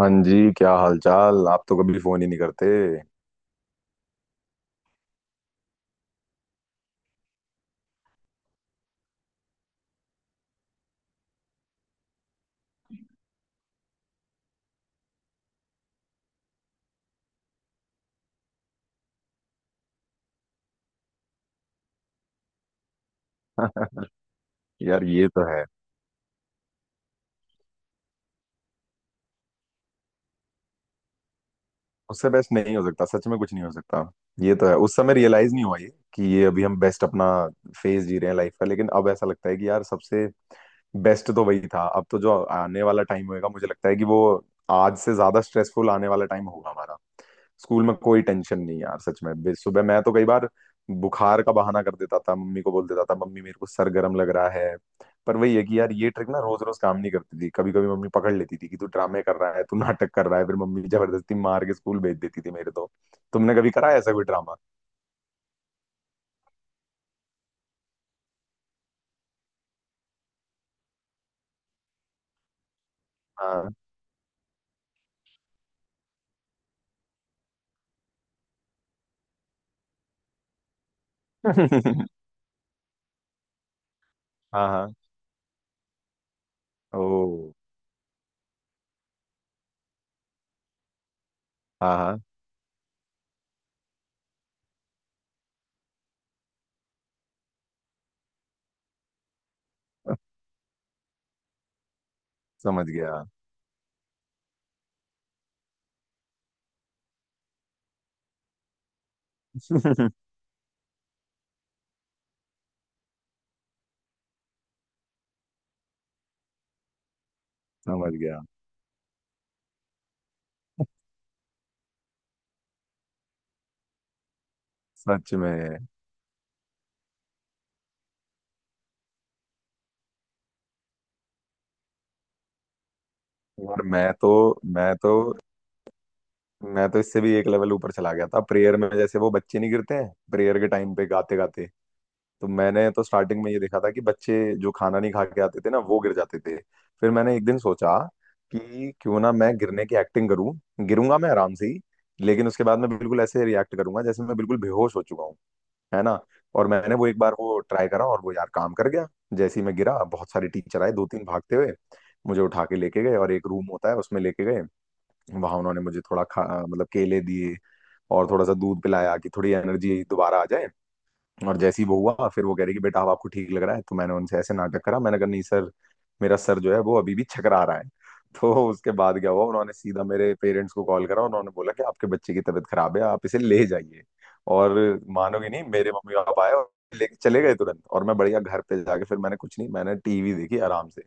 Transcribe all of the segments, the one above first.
हाँ जी, क्या हालचाल। आप तो कभी फोन ही नहीं करते। यार, ये तो है। उससे बेस्ट नहीं हो सकता, सच में कुछ नहीं हो सकता। ये तो है, उस समय रियलाइज नहीं हुआ ये कि ये अभी हम बेस्ट अपना फेज जी रहे हैं लाइफ का। लेकिन अब ऐसा लगता है कि यार सबसे बेस्ट तो वही था। अब तो जो आने वाला टाइम होएगा, मुझे लगता है कि वो आज से ज्यादा स्ट्रेसफुल आने वाला टाइम होगा हमारा। स्कूल में कोई टेंशन नहीं यार, सच में। सुबह मैं तो कई बार बुखार का बहाना कर देता था, मम्मी को बोल देता था, मम्मी मेरे को सर गर्म लग रहा है। पर वही है कि यार ये ट्रिक ना रोज रोज काम नहीं करती थी। कभी कभी मम्मी पकड़ लेती थी कि तू ड्रामे कर रहा है, तू नाटक कर रहा है। फिर मम्मी जबरदस्ती मार के स्कूल भेज देती थी मेरे तो। तुमने कभी करा है ऐसा कोई ड्रामा? हाँ। हाँ हाँ। ओ। हाँ हाँ। समझ गया। समझ गया। सच में। और मैं तो मैं तो इससे भी एक लेवल ऊपर चला गया था प्रेयर में। जैसे वो बच्चे नहीं गिरते हैं प्रेयर के टाइम पे गाते गाते, तो मैंने तो स्टार्टिंग में ये देखा था कि बच्चे जो खाना नहीं खा के आते थे ना वो गिर जाते थे। फिर मैंने एक दिन सोचा कि क्यों ना मैं गिरने की एक्टिंग करूं। गिरूंगा मैं आराम से ही, लेकिन उसके बाद मैं बिल्कुल ऐसे रिएक्ट करूंगा जैसे मैं बिल्कुल बेहोश हो चुका हूँ, है ना। और मैंने वो एक बार वो ट्राई करा और वो यार काम कर गया। जैसे ही मैं गिरा, बहुत सारे टीचर आए, दो तीन भागते हुए। मुझे उठा के लेके गए और एक रूम होता है उसमें लेके गए। वहां उन्होंने मुझे थोड़ा खा, मतलब केले दिए और थोड़ा सा दूध पिलाया कि थोड़ी एनर्जी दोबारा आ जाए। और जैसे ही वो हुआ, फिर वो कह रही कि बेटा अब आपको ठीक लग रहा है? तो मैंने उनसे ऐसे नाटक करा, मैंने कहा नहीं सर, मेरा सर जो है वो अभी भी छकरा रहा है। तो उसके बाद क्या हुआ, उन्होंने सीधा मेरे पेरेंट्स को कॉल करा, उन्होंने बोला कि आपके बच्चे की तबीयत खराब है, आप इसे ले जाइए। और मानोगे नहीं, मेरे मम्मी पापा आए और लेके चले गए तुरंत। और मैं बढ़िया घर पे जाके फिर मैंने कुछ नहीं, मैंने टीवी देखी आराम से।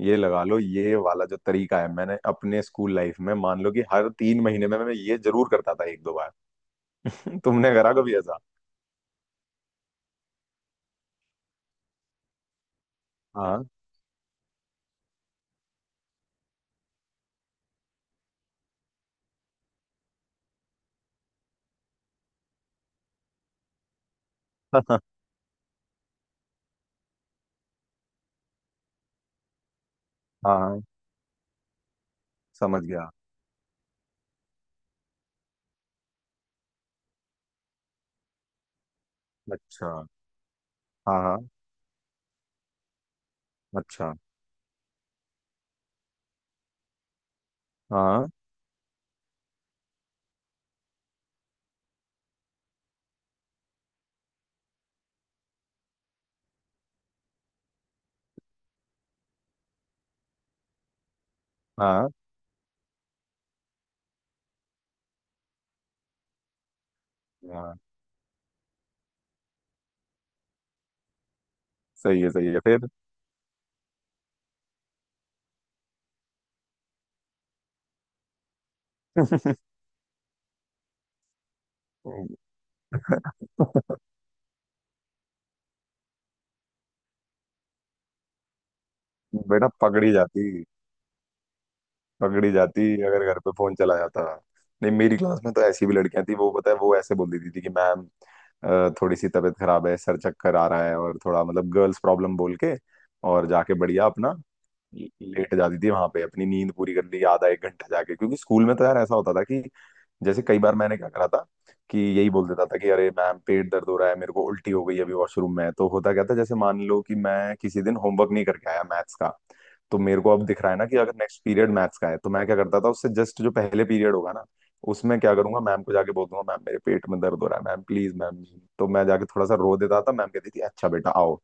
ये लगा लो, ये वाला जो तरीका है मैंने अपने स्कूल लाइफ में, मान लो कि हर 3 महीने में मैं ये जरूर करता था एक दो बार। तुमने करा कभी ऐसा? हाँ। हाँ हाँ। समझ गया। अच्छा। हाँ हाँ। अच्छा। हाँ हाँ हाँ। सही है सही है, फिर? बेटा पकड़ी जाती, पकड़ी जाती अगर घर पे फोन चला जाता। नहीं, मेरी क्लास में तो ऐसी भी लड़कियां थी, वो पता है वो ऐसे बोल देती थी कि मैम थोड़ी सी तबीयत खराब है, सर चक्कर आ रहा है और थोड़ा मतलब गर्ल्स प्रॉब्लम बोल के, और जाके बढ़िया अपना लेट जाती थी वहां पे, अपनी नींद पूरी कर ली आधा एक घंटा जाके। क्योंकि स्कूल में तो यार ऐसा होता था कि जैसे कई बार मैंने क्या करा था कि यही बोल देता था कि अरे मैम पेट दर्द हो रहा है, मेरे को उल्टी हो गई है अभी वॉशरूम में। तो होता क्या था, जैसे मान लो कि मैं किसी दिन होमवर्क नहीं करके आया मैथ्स का, तो मेरे को अब दिख रहा है ना कि अगर नेक्स्ट पीरियड मैथ्स का है तो मैं क्या करता था, उससे जस्ट जो पहले पीरियड होगा ना उसमें क्या करूंगा, मैम को जाके बोल दूंगा मैम मेरे पेट में दर्द हो रहा है, मैम प्लीज मैम। तो मैं जाके थोड़ा सा रो देता था, मैम कहती थी अच्छा बेटा आओ,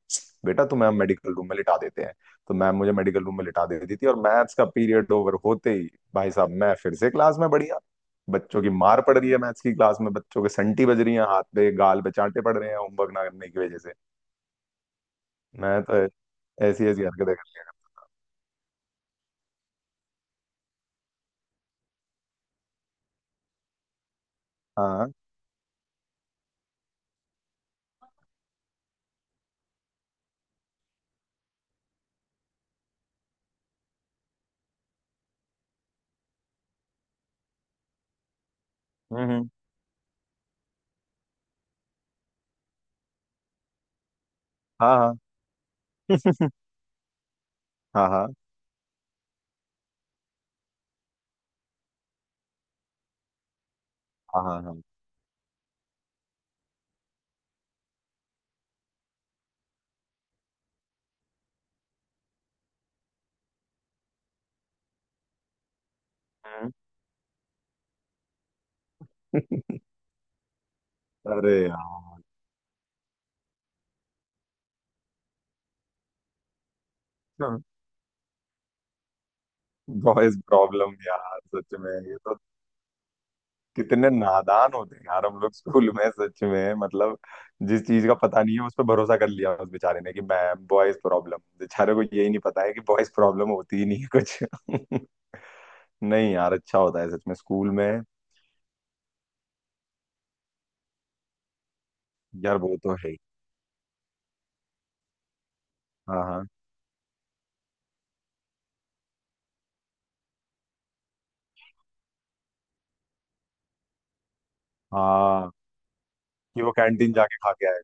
बेटा तुम्हें हम मेडिकल रूम में लिटा देते हैं। तो मैम मुझे मेडिकल रूम में लिटा देती थी, और मैथ्स का पीरियड ओवर होते ही भाई साहब मैं फिर से क्लास में बढ़िया। बच्चों की मार पड़ रही है मैथ्स की क्लास में, बच्चों के संटी बज रही है, हाथ पे गाल पे चांटे पड़ रहे हैं होमवर्क ना करने की वजह से, मैं तो ऐसी ऐसी हरकतें कर लिया करता। हाँ। हम्म हम्म, हाँ हाँ। हाँ हाँ हाँ हाँ हाँ। हम्म। अरे यार, बॉयज प्रॉब्लम यार सच में, ये तो। कितने नादान होते हैं यार हम लोग स्कूल में, सच में मतलब। जिस चीज का पता नहीं है उस पर भरोसा कर लिया उस बेचारे ने कि मैम बॉयज प्रॉब्लम। बेचारे को यही नहीं पता है कि बॉयज प्रॉब्लम होती ही नहीं है कुछ। नहीं यार, अच्छा होता है सच में स्कूल में। यार वो तो है ही। हाँ हाँ हाँ। कि वो कैंटीन जाके खा के आएगा।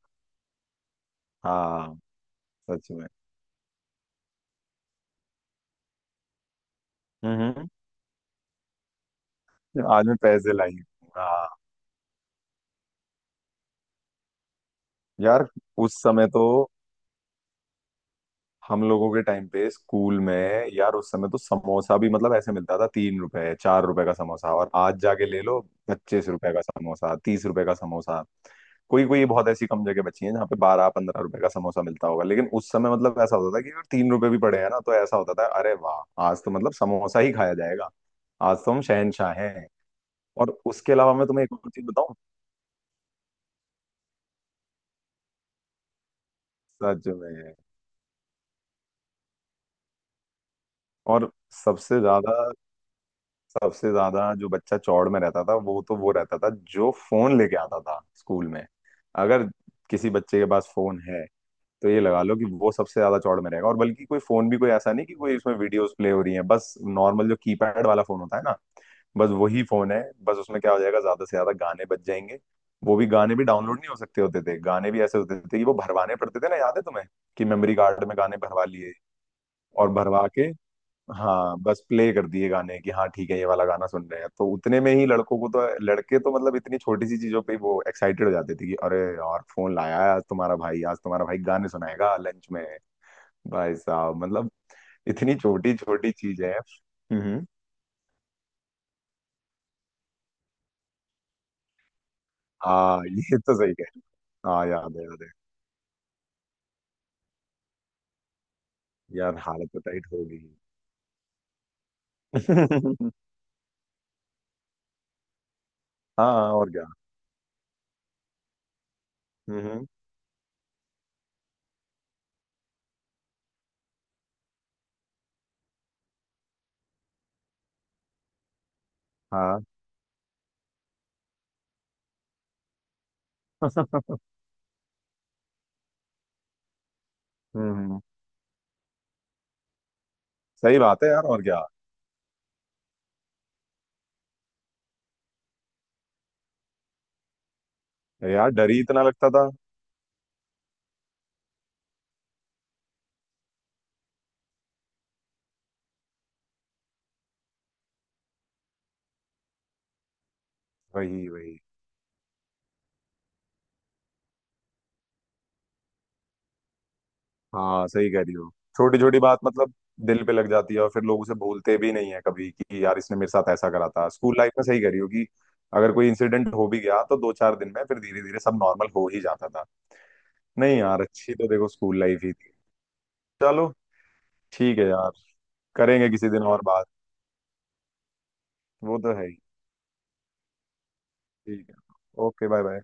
हाँ। सच में। हम्म। आज मैं पैसे लाई। हाँ यार, उस समय तो हम लोगों के टाइम पे स्कूल में यार, उस समय तो समोसा भी मतलब ऐसे मिलता था, 3 रुपए 4 रुपए का समोसा। और आज जाके ले लो 25 रुपए का समोसा, 30 रुपए का समोसा। कोई कोई बहुत ऐसी कम जगह बची है जहाँ पे 12-15 रुपए का समोसा मिलता होगा, लेकिन उस समय मतलब ऐसा होता था कि अगर 3 रुपए भी पड़े हैं ना तो ऐसा होता था अरे वाह, आज तो मतलब समोसा ही खाया जाएगा, आज तो हम शहनशाह हैं। और उसके अलावा मैं तुम्हें एक और चीज बताऊं। सच में। और सबसे ज्यादा सबसे ज्यादा जो बच्चा चौड़ में रहता था वो तो वो रहता था जो फोन लेके आता था स्कूल में। अगर किसी बच्चे के पास फोन है तो ये लगा लो कि वो सबसे ज्यादा चौड़ में रहेगा। और बल्कि कोई फोन भी कोई ऐसा नहीं कि कोई उसमें वीडियोस प्ले हो रही है, बस नॉर्मल जो कीपैड वाला फोन होता है ना, बस वही फोन है। बस उसमें क्या हो जाएगा ज्यादा से ज्यादा गाने बज जाएंगे। वो भी गाने भी डाउनलोड नहीं हो सकते होते थे, गाने भी ऐसे होते थे कि वो भरवाने पड़ते थे ना, याद है तुम्हें कि मेमोरी कार्ड में गाने भरवा लिए, और भरवा के हाँ, बस प्ले कर दिए गाने कि हाँ ठीक है, ये वाला गाना सुन रहे हैं। तो उतने में ही लड़कों को, तो लड़के तो मतलब इतनी छोटी सी चीजों पे ही वो एक्साइटेड हो जाते थे कि अरे यार, फोन लाया है आज तुम्हारा भाई, आज तुम्हारा भाई गाने सुनाएगा लंच में। भाई साहब मतलब इतनी छोटी छोटी चीजें हैं। हम्म। हाँ ये तो सही कह रहे हो। हाँ याद है याद है। यार हालत तो टाइट हो गई। हाँ और क्या। हम्म हाँ, हम्म। सही बात है यार, और क्या। यार डर ही इतना लगता था। वही वही। हाँ सही कह रही हो, छोटी छोटी बात मतलब दिल पे लग जाती है और फिर लोग उसे भूलते भी नहीं है कभी कि यार इसने मेरे साथ ऐसा करा था स्कूल लाइफ में। सही कह रही हो कि अगर कोई इंसिडेंट हो भी गया तो दो चार दिन में फिर धीरे धीरे सब नॉर्मल हो ही जाता था। नहीं यार, अच्छी तो देखो स्कूल लाइफ ही थी। चलो ठीक है यार, करेंगे किसी दिन और बात। वो तो है ही। ठीक है। Okay bye bye.